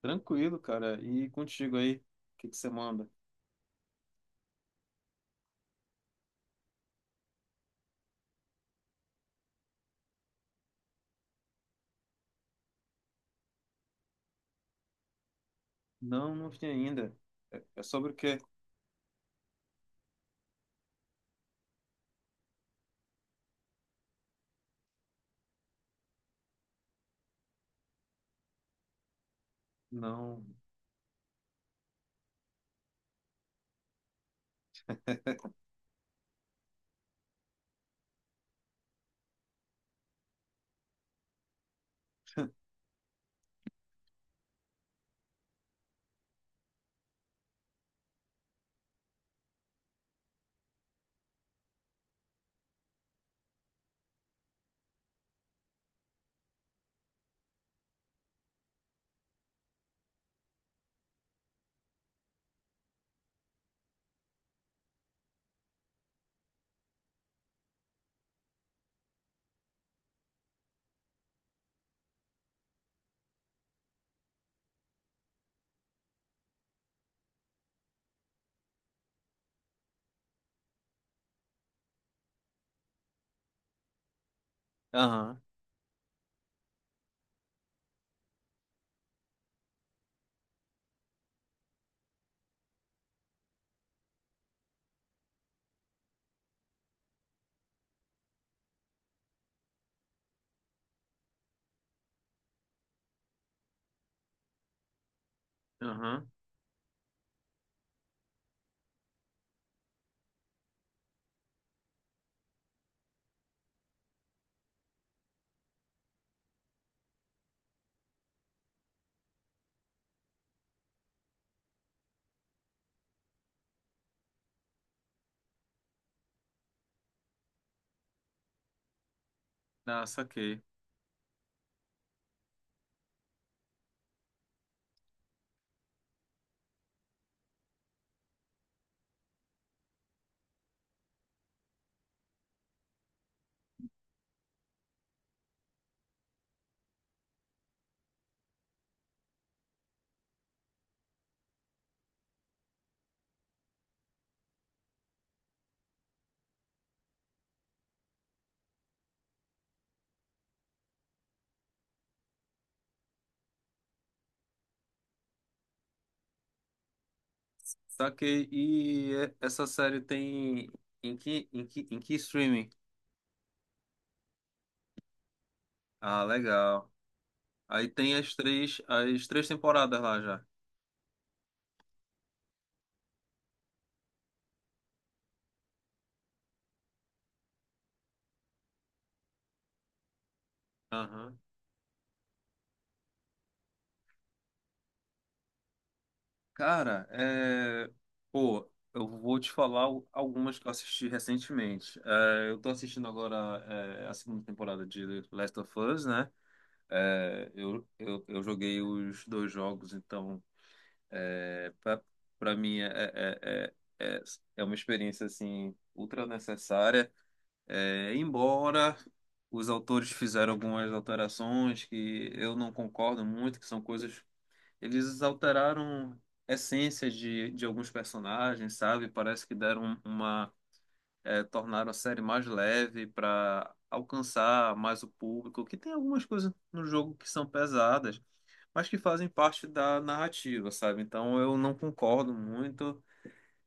Tranquilo, cara. E contigo aí, o que que você manda? Não, não vi ainda. É sobre o quê? Não. Aham, aham. Ah, saquei. Saquei. E essa série tem em que streaming? Ah, legal. Aí tem as três temporadas lá já. Aham. Cara. Pô, eu vou te falar algumas que eu assisti recentemente. Eu tô assistindo agora a segunda temporada de Last of Us, né? Eu joguei os dois jogos, então é, para mim é, é é uma experiência assim ultra necessária. Embora os autores fizeram algumas alterações que eu não concordo muito, que são coisas. Eles alteraram essências de alguns personagens, sabe? Parece que deram uma. Tornaram a série mais leve para alcançar mais o público, que tem algumas coisas no jogo que são pesadas, mas que fazem parte da narrativa, sabe? Então eu não concordo muito.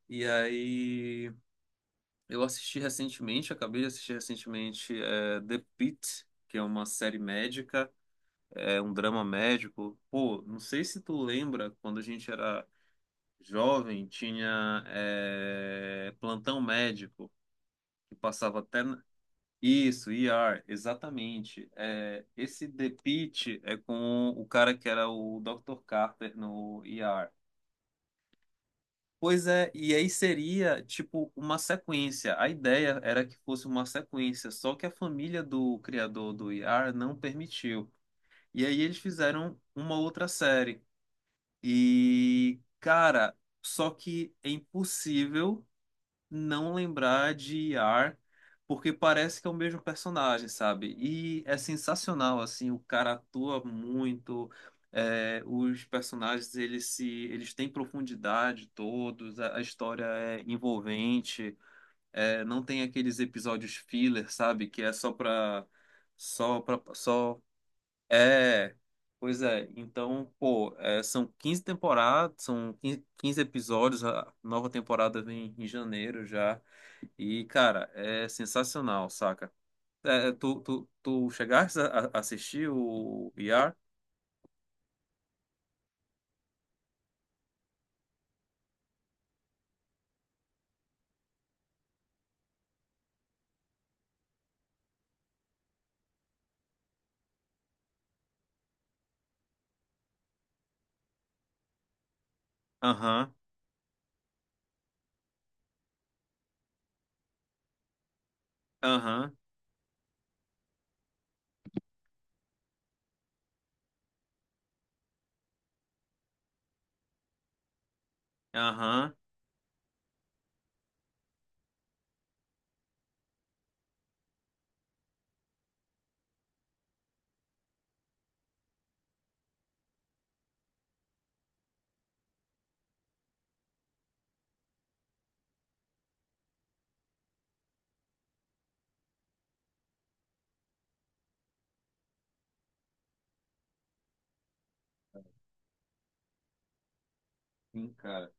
E aí eu assisti recentemente, acabei de assistir recentemente The Pitt, que é uma série médica, é um drama médico. Pô, não sei se tu lembra quando a gente era jovem, tinha plantão médico que passava até isso, ER, exatamente. Esse The Pitt é com o cara que era o Dr. Carter no ER. Pois é, e aí seria tipo uma sequência. A ideia era que fosse uma sequência, só que a família do criador do IAR não permitiu. E aí eles fizeram uma outra série. E, cara, só que é impossível não lembrar de Iar, porque parece que é o mesmo personagem, sabe? E é sensacional, assim, o cara atua muito. Os personagens, eles se, eles têm profundidade todos. A história é envolvente. Não tem aqueles episódios filler, sabe? Que é só pra, só é, pois é. Então, pô, são 15 15 episódios, a nova temporada vem em janeiro já. E, cara, é sensacional, saca? Tu chegaste a assistir o ER? Aham, aham, aham. Sim, cara.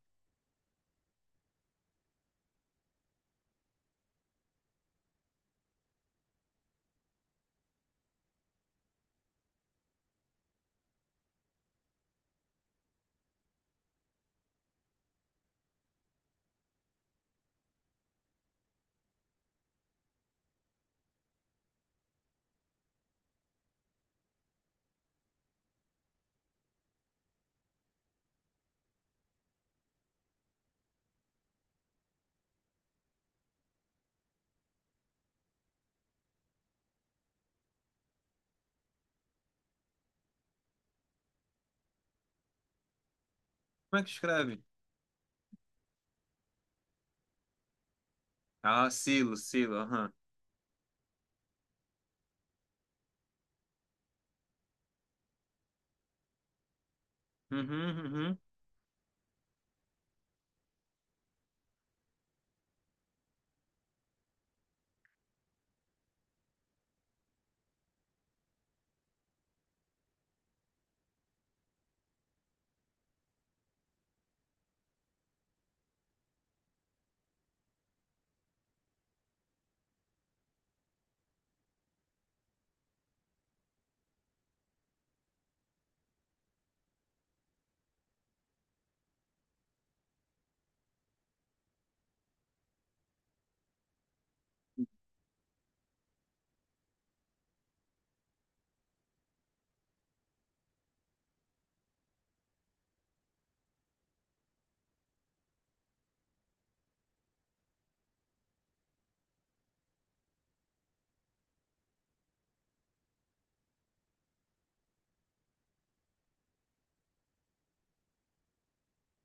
Como é que escreve? Ah, Silo, Silo, aham. Uhum, uhum,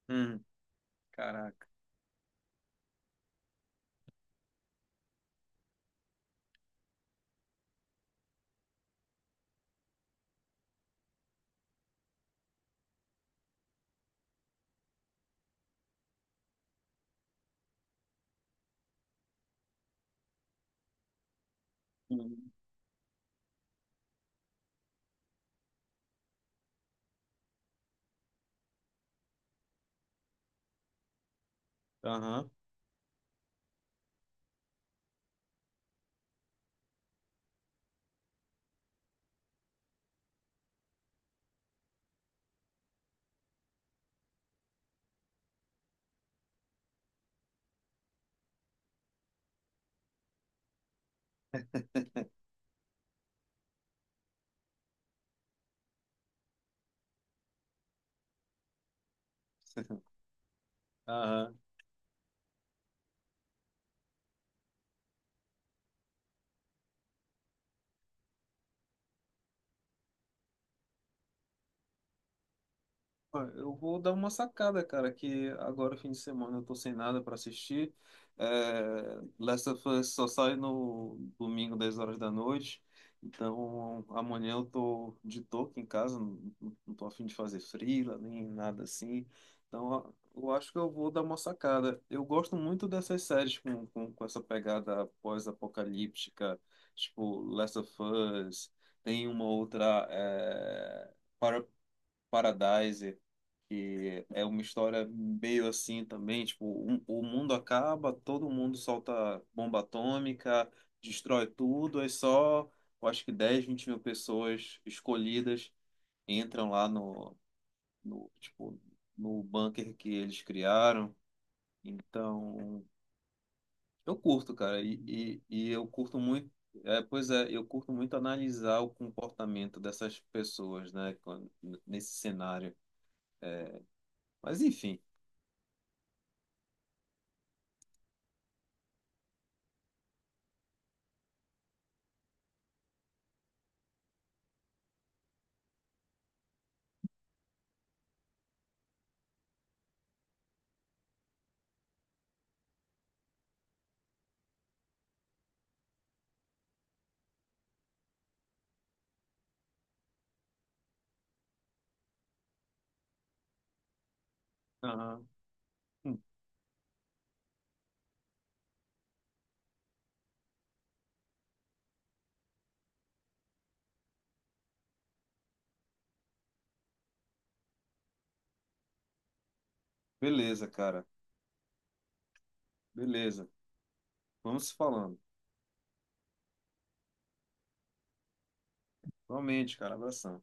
uhum. Caraca. Uhum. Aham. Aham. Ah, eu vou dar uma sacada, cara, que agora, fim de semana, eu tô sem nada pra assistir. É, Last of Us só sai no domingo, 10 horas da noite. Então, amanhã eu tô de toque em casa, não, não tô a fim de fazer freela, nem nada assim. Então, eu acho que eu vou dar uma sacada. Eu gosto muito dessas séries com essa pegada pós-apocalíptica, tipo Last of Us. Tem uma outra, Para- Paradise, que é uma história meio assim também, tipo, o mundo acaba, todo mundo solta bomba atômica, destrói tudo, é só, eu acho que 10 20 mil pessoas escolhidas entram lá no, no, tipo, no bunker que eles criaram. Então, eu curto, cara, e eu curto muito. Pois é, eu curto muito analisar o comportamento dessas pessoas, né, nesse cenário. Mas enfim. Aham. Hum, Beleza, cara. Beleza. Vamos se falando. Realmente, cara. Abração.